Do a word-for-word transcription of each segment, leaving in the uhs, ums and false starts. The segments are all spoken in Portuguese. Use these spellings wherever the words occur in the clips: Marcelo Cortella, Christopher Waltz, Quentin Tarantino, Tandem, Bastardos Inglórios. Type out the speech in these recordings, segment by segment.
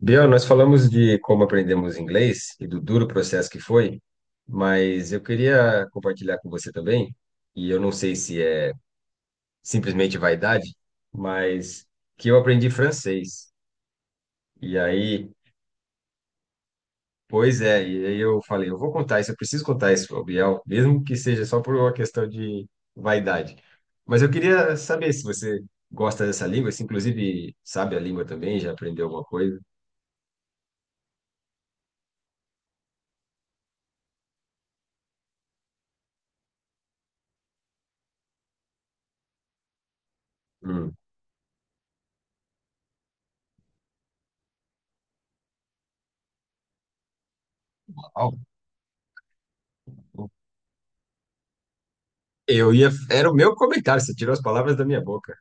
Biel, nós falamos de como aprendemos inglês e do duro processo que foi, mas eu queria compartilhar com você também, e eu não sei se é simplesmente vaidade, mas que eu aprendi francês. E aí, pois é, e aí eu falei, eu vou contar isso, eu preciso contar isso ao Biel, mesmo que seja só por uma questão de vaidade. Mas eu queria saber se você gosta dessa língua, se inclusive sabe a língua também, já aprendeu alguma coisa. Hum. Uau. Eu ia. Era o meu comentário, você tirou as palavras da minha boca.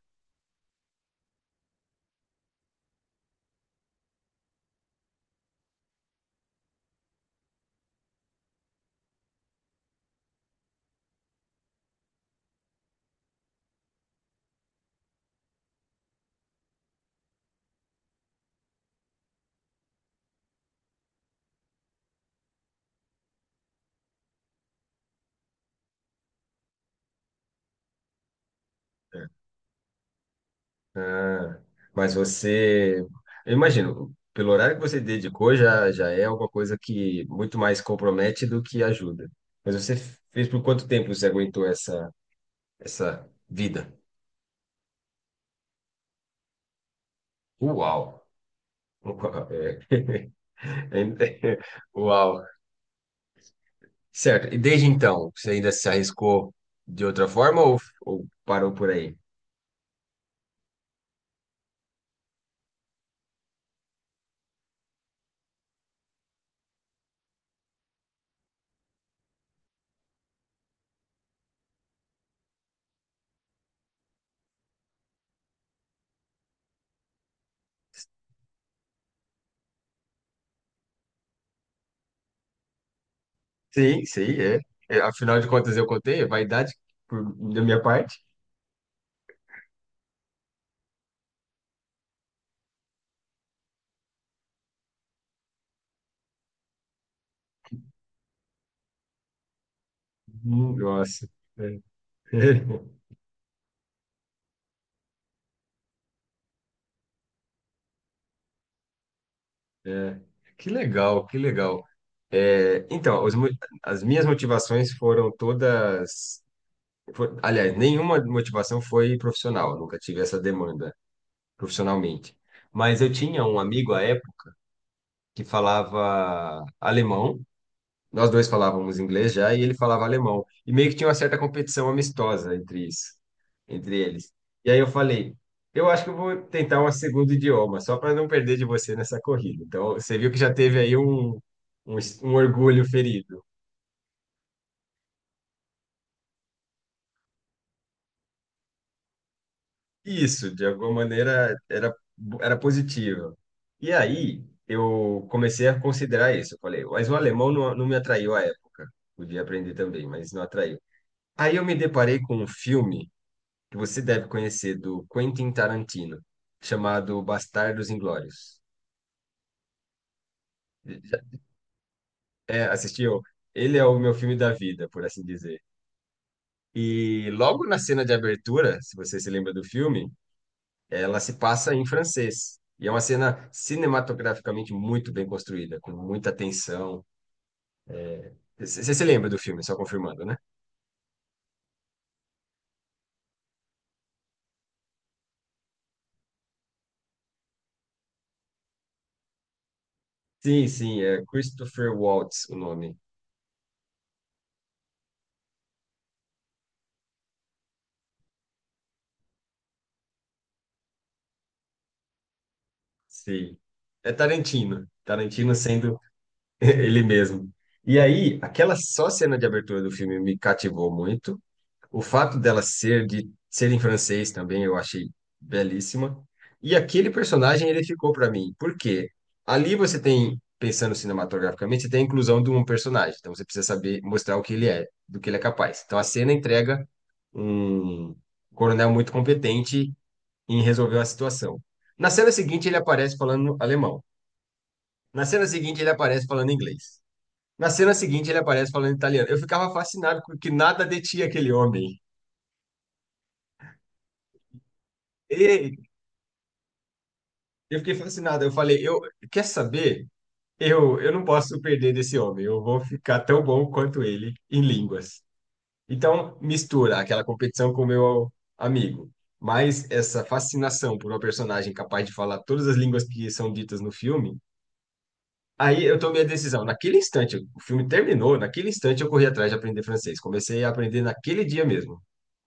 Ah, mas você. Eu imagino, pelo horário que você dedicou, já, já é alguma coisa que muito mais compromete do que ajuda. Mas você fez por quanto tempo você aguentou essa, essa vida? Uau! Uau, é. Ainda- Uau! Certo, e desde então, você ainda se arriscou de outra forma ou, ou parou por aí? Sim, sim, é. É, afinal de contas, eu contei, é vaidade por- da minha parte. Hum, Nossa. É. É. Que legal, que legal. É, então, os mo- as minhas motivações foram todas. Fo- aliás, nenhuma motivação foi profissional, nunca tive essa demanda profissionalmente. Mas eu tinha um amigo à época que falava alemão. Nós dois falávamos inglês já e ele falava alemão. E meio que tinha uma certa competição amistosa entre isso, entre eles. E aí eu falei, eu acho que eu vou tentar um segundo idioma, só para não perder de você nessa corrida. Então, você viu que já teve aí um, um, es- um orgulho ferido. Isso, de alguma maneira, era, era positivo. E aí eu comecei a considerar isso. Eu falei, mas o alemão não, não me atraiu à época. Podia aprender também, mas não atraiu. Aí eu me deparei com um filme que você deve conhecer do Quentin Tarantino, chamado Bastardos Inglórios. Já- É, assistiu? Ele é o meu filme da vida, por assim dizer. E logo na cena de abertura, se você se lembra do filme, ela se passa em francês. E é uma cena cinematograficamente muito bem construída, com muita tensão. É, c- Você se lembra do filme, só confirmando, né? Sim, sim, é Christopher Waltz o nome. Sim. É Tarantino. Tarantino sendo Ele mesmo. E aí, aquela só cena de abertura do filme me cativou muito. O fato dela ser de ser em francês também eu achei belíssima. E aquele personagem ele ficou para mim. Por quê? Ali você tem, pensando cinematograficamente, você tem a inclusão de um personagem. Então você precisa saber mostrar o que ele é, do que ele é capaz. Então a cena entrega um coronel muito competente em resolver uma situação. Na cena seguinte ele aparece falando alemão. Na cena seguinte ele aparece falando inglês. Na cena seguinte, ele aparece falando italiano. Eu ficava fascinado com que nada detinha aquele homem. E eu fiquei fascinado. Eu falei, eu quer saber? Eu, eu não posso perder desse homem. Eu vou ficar tão bom quanto ele em línguas. Então, mistura aquela competição com o meu amigo. Mas essa fascinação por uma personagem capaz de falar todas as línguas que são ditas no filme, aí eu tomei a decisão. Naquele instante, o filme terminou, naquele instante eu corri atrás de aprender francês. Comecei a aprender naquele dia mesmo.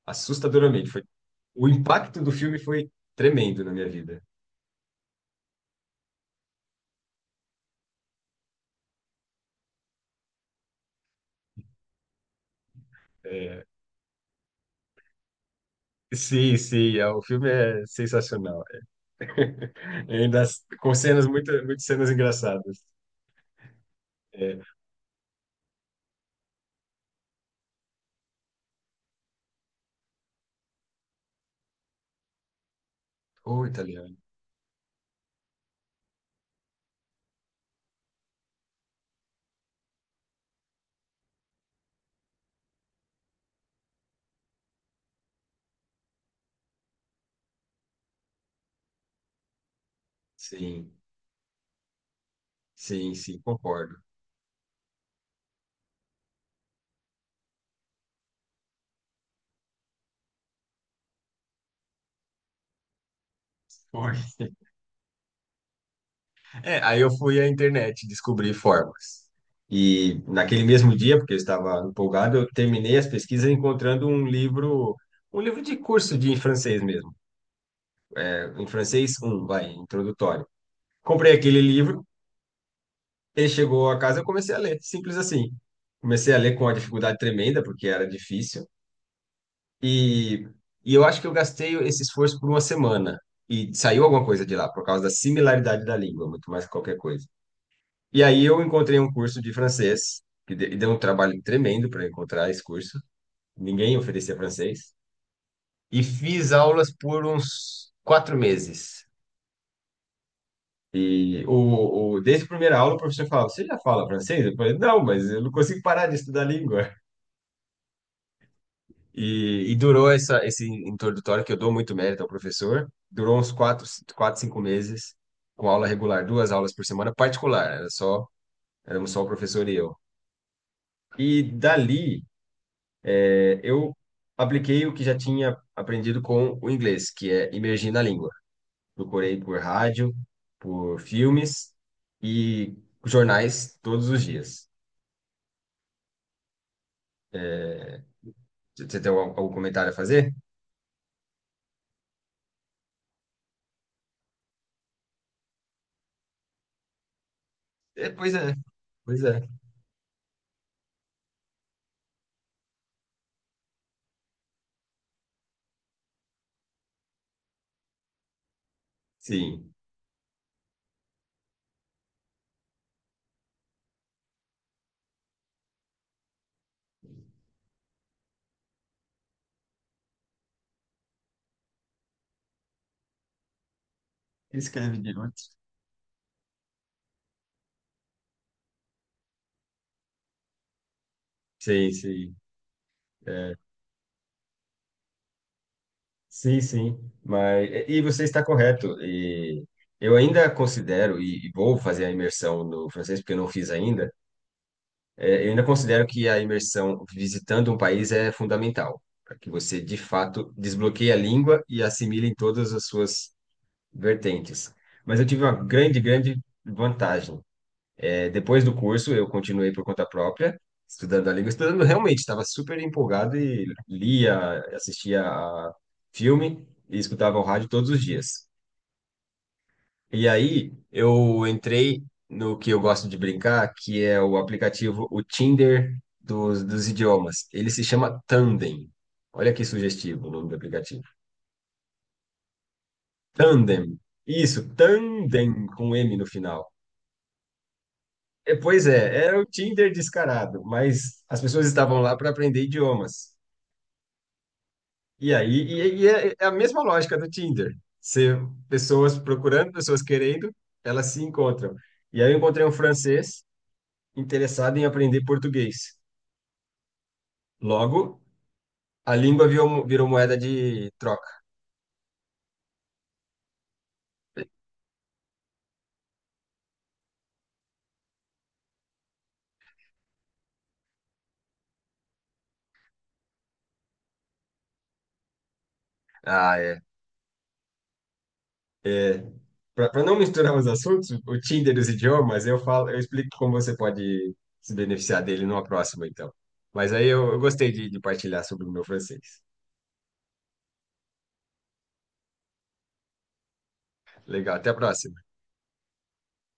Assustadoramente. Foi O impacto do filme foi tremendo na minha vida. É, sim, sim, é, o filme é sensacional. Ainda s- com cenas, muito, muitas cenas engraçadas. É, o italiano. Sim, sim, sim, concordo. Foi. É, aí eu fui à internet descobrir formas. E naquele mesmo dia, porque eu estava empolgado, eu terminei as pesquisas encontrando um livro, um livro de curso de em francês mesmo, é, em francês um vai, introdutório. Comprei aquele livro. Ele chegou a casa, eu comecei a ler, simples assim. Comecei a ler com uma dificuldade tremenda, porque era difícil. E, e eu acho que eu gastei esse esforço por uma semana. E saiu alguma coisa de lá, por causa da similaridade da língua, muito mais que qualquer coisa. E aí eu encontrei um curso de francês, que de- e deu um trabalho tremendo para encontrar esse curso. Ninguém oferecia francês. E fiz aulas por uns quatro meses. E o, o, desde a primeira aula, o professor falava: você já fala francês? Eu falei: não, mas eu não consigo parar de estudar a língua. E, e durou essa, esse introdutório, que eu dou muito mérito ao professor, durou uns quatro, quatro, cinco meses, com aula regular, duas aulas por semana, particular, era só, éramos só o professor e eu. E dali, eh, eu apliquei o que já tinha aprendido com o inglês, que é imergir na língua. Procurei por rádio, por filmes e jornais todos os dias. Você você tem algum, algum comentário a fazer? É, pois é, pois é. Sim, escreve de direito. Sim, sim. É, sim, sim, mas e e você está correto. E eu ainda considero e e vou fazer a imersão no francês porque eu não fiz ainda. É, eu ainda considero que a imersão visitando um país é fundamental para que você de fato desbloqueie a língua e assimile em todas as suas vertentes. Mas eu tive uma grande, grande vantagem. É, depois do curso, eu continuei por conta própria, estudando a língua, estudando realmente, estava super empolgado e lia, assistia a filme e escutava o rádio todos os dias. E aí eu entrei no que eu gosto de brincar, que é o aplicativo, o Tinder dos, dos idiomas. Ele se chama Tandem. Olha que sugestivo o nome do aplicativo. Tandem. Isso, Tandem com M no final. É, pois é, era o Tinder descarado, mas as pessoas estavam lá para aprender idiomas. E aí, e, e é é a mesma lógica do Tinder. Ser pessoas procurando, pessoas querendo, elas se encontram. E aí eu encontrei um francês interessado em aprender português. Logo, a língua virou, virou moeda de troca. Ah, é. É, para não misturar os assuntos, o Tinder e os idiomas, eu falo, eu explico como você pode se beneficiar dele numa próxima, então. Mas aí eu, eu gostei de de partilhar sobre o meu francês. Legal, até a próxima.